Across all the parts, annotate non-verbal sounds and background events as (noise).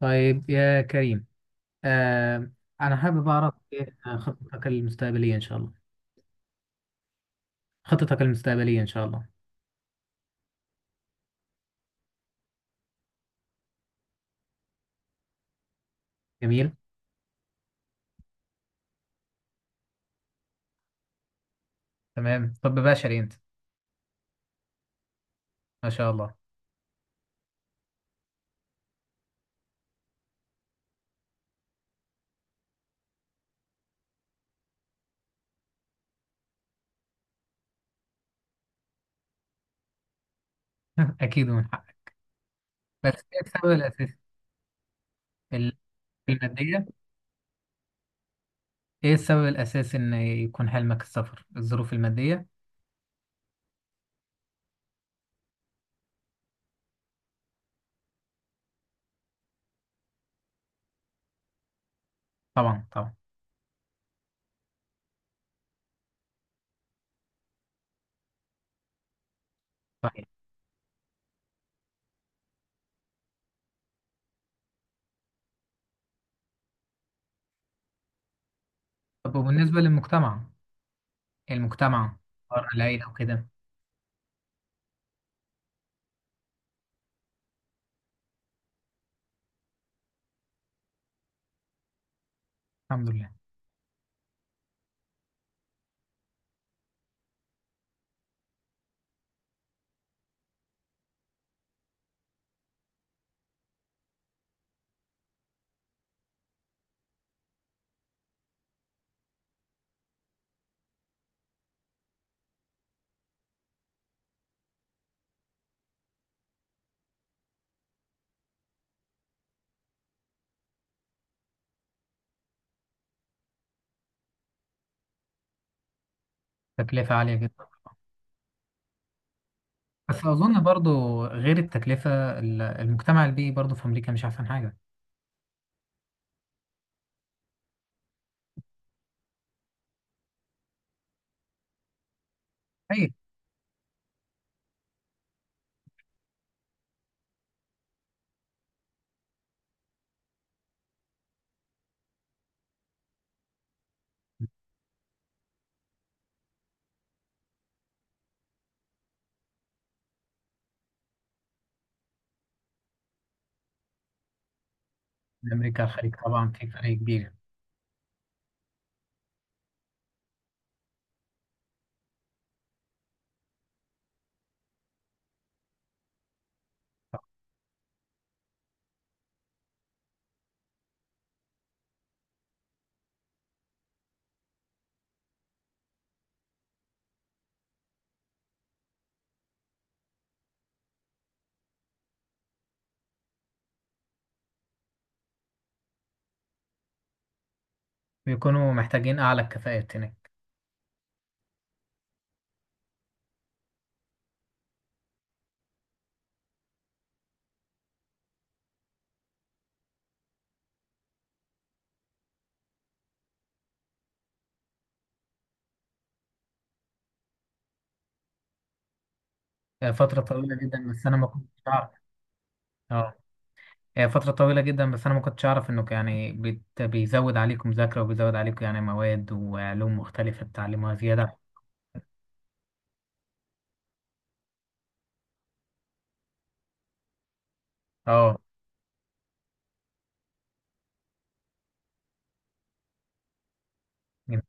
طيب يا كريم. آه أنا حابب أعرف إيه خطتك المستقبلية إن شاء الله. خطتك المستقبلية إن شاء الله؟ جميل. تمام، طب بشري أنت؟ ما شاء الله. (laughs) أكيد من حقك. بس إيه السبب الأساسي؟ ال- المادية؟ إيه السبب الأساسي إن يكون حلمك السفر؟ الظروف المادية؟ طبعا طبعا. صحيح. طب، وبالنسبة للمجتمع؟ المجتمع؟ أفكار العيلة وكده؟ الحمد لله. تكلفة عالية جدا. بس أظن برضو غير التكلفة، المجتمع البيئي برضو في أمريكا مش أحسن حاجة. أمريكا الخليج، طبعا في فرق كبير. بيكونوا محتاجين أعلى الكفاءات هناك. فترة طويلة جدا بس أنا ما كنتش أعرف. أه، هي فترة طويلة جدا بس أنا ما كنتش أعرف إنه يعني بيزود عليكم مذاكرة وبيزود عليكم يعني مواد وعلوم مختلفة تتعلموها زيادة. أه، جميل.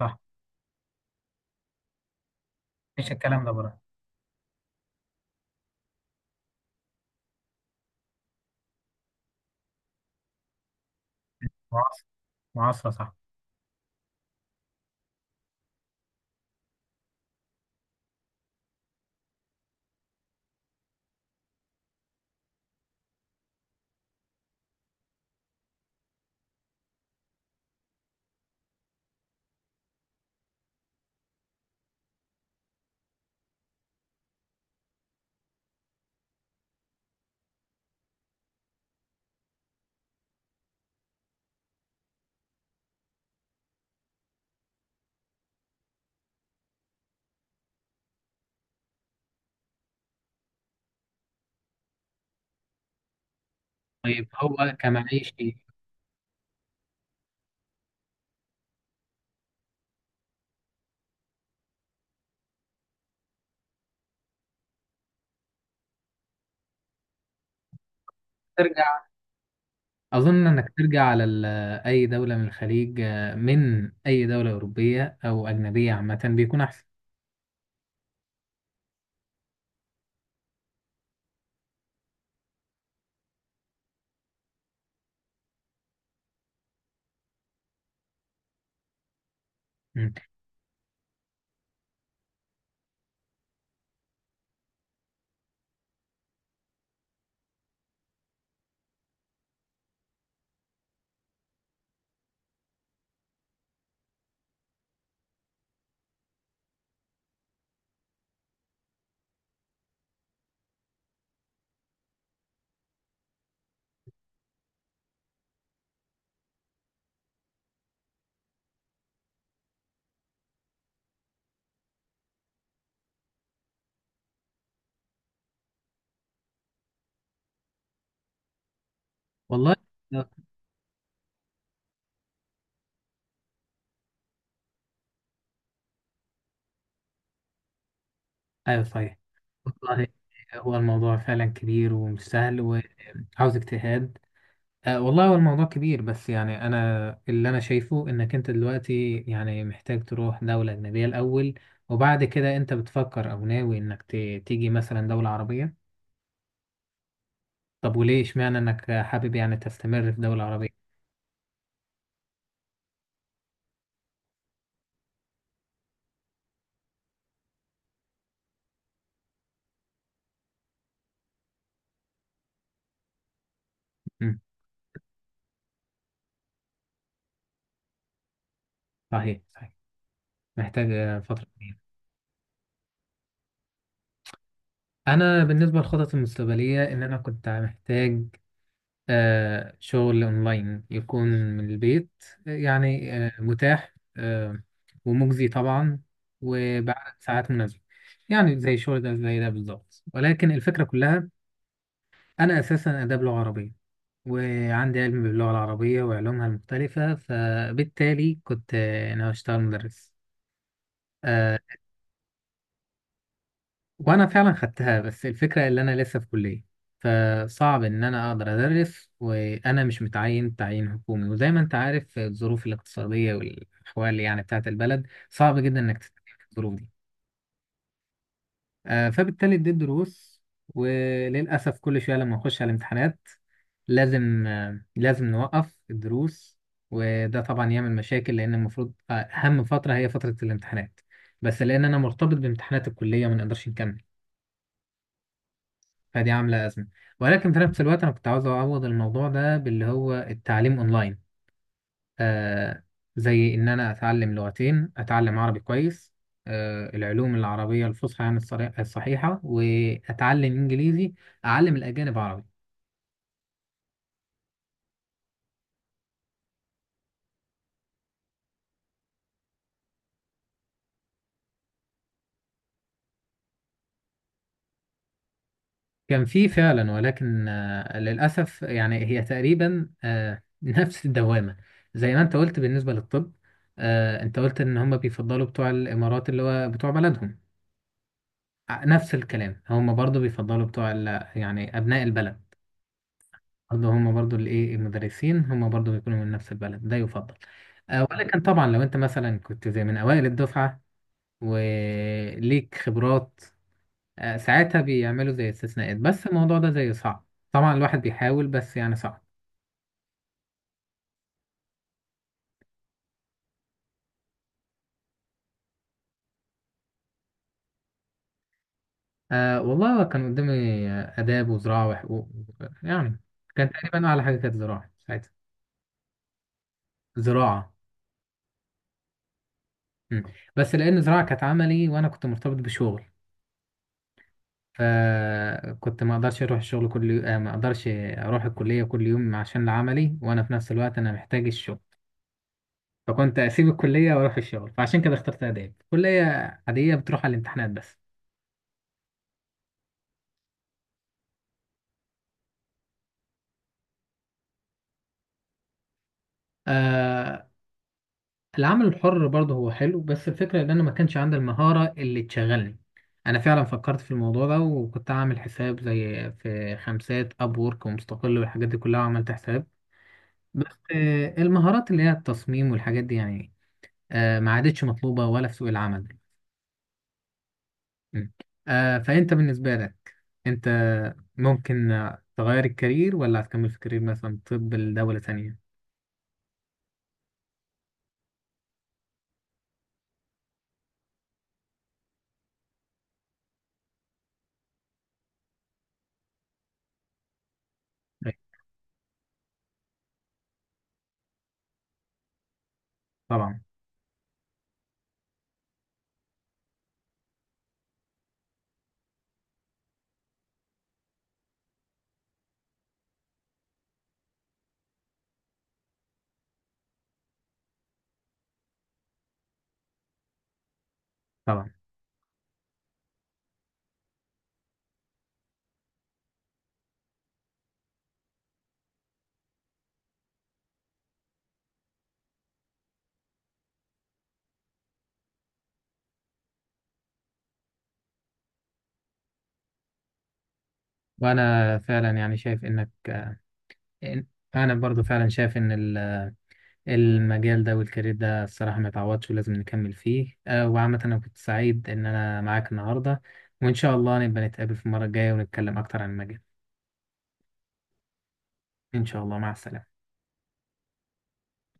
صح. مفيش الكلام ده بره. معاصر. معاصرة، صح. طيب، هو كمعيشي؟ ترجع أظن إنك ترجع على أي دولة من الخليج، من أي دولة أوروبية أو أجنبية عامة بيكون أحسن. مم. والله. ايوه، صحيح. والله، هو الموضوع فعلا كبير ومش سهل وعاوز اجتهاد. أه، والله هو الموضوع كبير، بس يعني انا اللي انا شايفه انك انت دلوقتي يعني محتاج تروح دولة اجنبية الاول. وبعد كده انت بتفكر او ناوي انك تيجي مثلا دولة عربية. طب، وليه اشمعنى انك حابب يعني تستمر في دولة عربية؟ مم. صحيح صحيح. محتاج فترة كبيرة. انا بالنسبة للخطط المستقبلية ان انا كنت محتاج شغل أونلاين يكون من البيت. يعني متاح، ومجزي طبعا، وبعدد ساعات مناسبة. يعني زي الشغل ده، زي ده بالظبط، ولكن الفكرة كلها أنا أساسا آداب لغة عربية. وعندي علم باللغة العربية وعلومها المختلفة، فبالتالي كنت أنا أشتغل مدرس. آه، وانا فعلا خدتها، بس الفكره اللي انا لسه في كليه، فصعب ان انا اقدر ادرس وانا مش متعين تعيين حكومي، وزي ما انت عارف الظروف الاقتصاديه والاحوال يعني بتاعت البلد صعب جدا انك تتعين في الظروف دي. فبالتالي اديت دروس. وللاسف كل شويه لما اخش على الامتحانات لازم نوقف الدروس. وده طبعا يعمل مشاكل لان المفروض اهم فتره هي فتره الامتحانات. بس لان انا مرتبط بامتحانات الكليه ما نقدرش نكمل. فدي عاملة أزمة. ولكن في نفس الوقت أنا كنت عاوز أعوض الموضوع ده باللي هو التعليم أونلاين. آه. زي إن أنا أتعلم لغتين أتعلم عربي كويس. العلوم العربية الفصحى يعني الصحيحة وأتعلم إنجليزي. أعلم الأجانب عربي. كان في فعلا، ولكن للأسف يعني هي تقريبا (laughs) نفس الدوامة. زي ما أنت قلت بالنسبة للطب. أنت قلت إن هم بيفضلوا بتوع الإمارات اللي هو بتوع بلدهم. نفس الكلام، هم برضو بيفضلوا بتوع يعني أبناء البلد. برضو هم برضو الإيه المدرسين هم برضو بيكونوا من نفس البلد ده يفضل. أه، ولكن طبعا لو أنت مثلا كنت زي من أوائل الدفعة وليك خبرات. أه، ساعتها بيعملوا زي استثناءات، بس الموضوع ده زي صعب. طبعا الواحد بيحاول، بس يعني صعب. أه، والله كان قدامي آداب وزراعة وحقوق. يعني. كان تقريبا أعلى حاجة كانت زراعة ساعتها. زراعة. مم. بس لأن زراعة كانت عملي وأنا كنت مرتبط بشغل، فكنت ما اقدرش اروح الشغل كل يوم، ما اقدرش اروح الكليه كل يوم عشان العملي وانا في نفس الوقت انا محتاج الشغل. فكنت اسيب الكليه واروح الشغل فعشان كده اخترت اداب كليه عاديه بتروح على الامتحانات بس. آه العمل الحر برضه هو حلو، بس الفكره ان انا ما كانش عندي المهاره اللي تشغلني. انا فعلا فكرت في الموضوع ده وكنت عامل حساب زي في خمسات اب وورك ومستقل والحاجات دي كلها عملت حساب. بس المهارات اللي هي التصميم والحاجات دي يعني ما عادتش مطلوبة ولا في سوق العمل. م. فأنت بالنسبة لك، أنت ممكن تغير الكارير ولا هتكمل في كارير مثلا طب لدولة تانية؟ أيوة. طبعا. طبعا. وأنا فعلا يعني شايف إنك إن- أنا برضو فعلا شايف إن المجال ده والكارير ده، الصراحة ما يتعوضش ولازم نكمل فيه، وعامة أنا كنت سعيد إن أنا معاك النهاردة، وإن شاء الله نبقى نتقابل في المرة الجاية ونتكلم أكتر عن المجال. إن شاء الله، مع السلامة.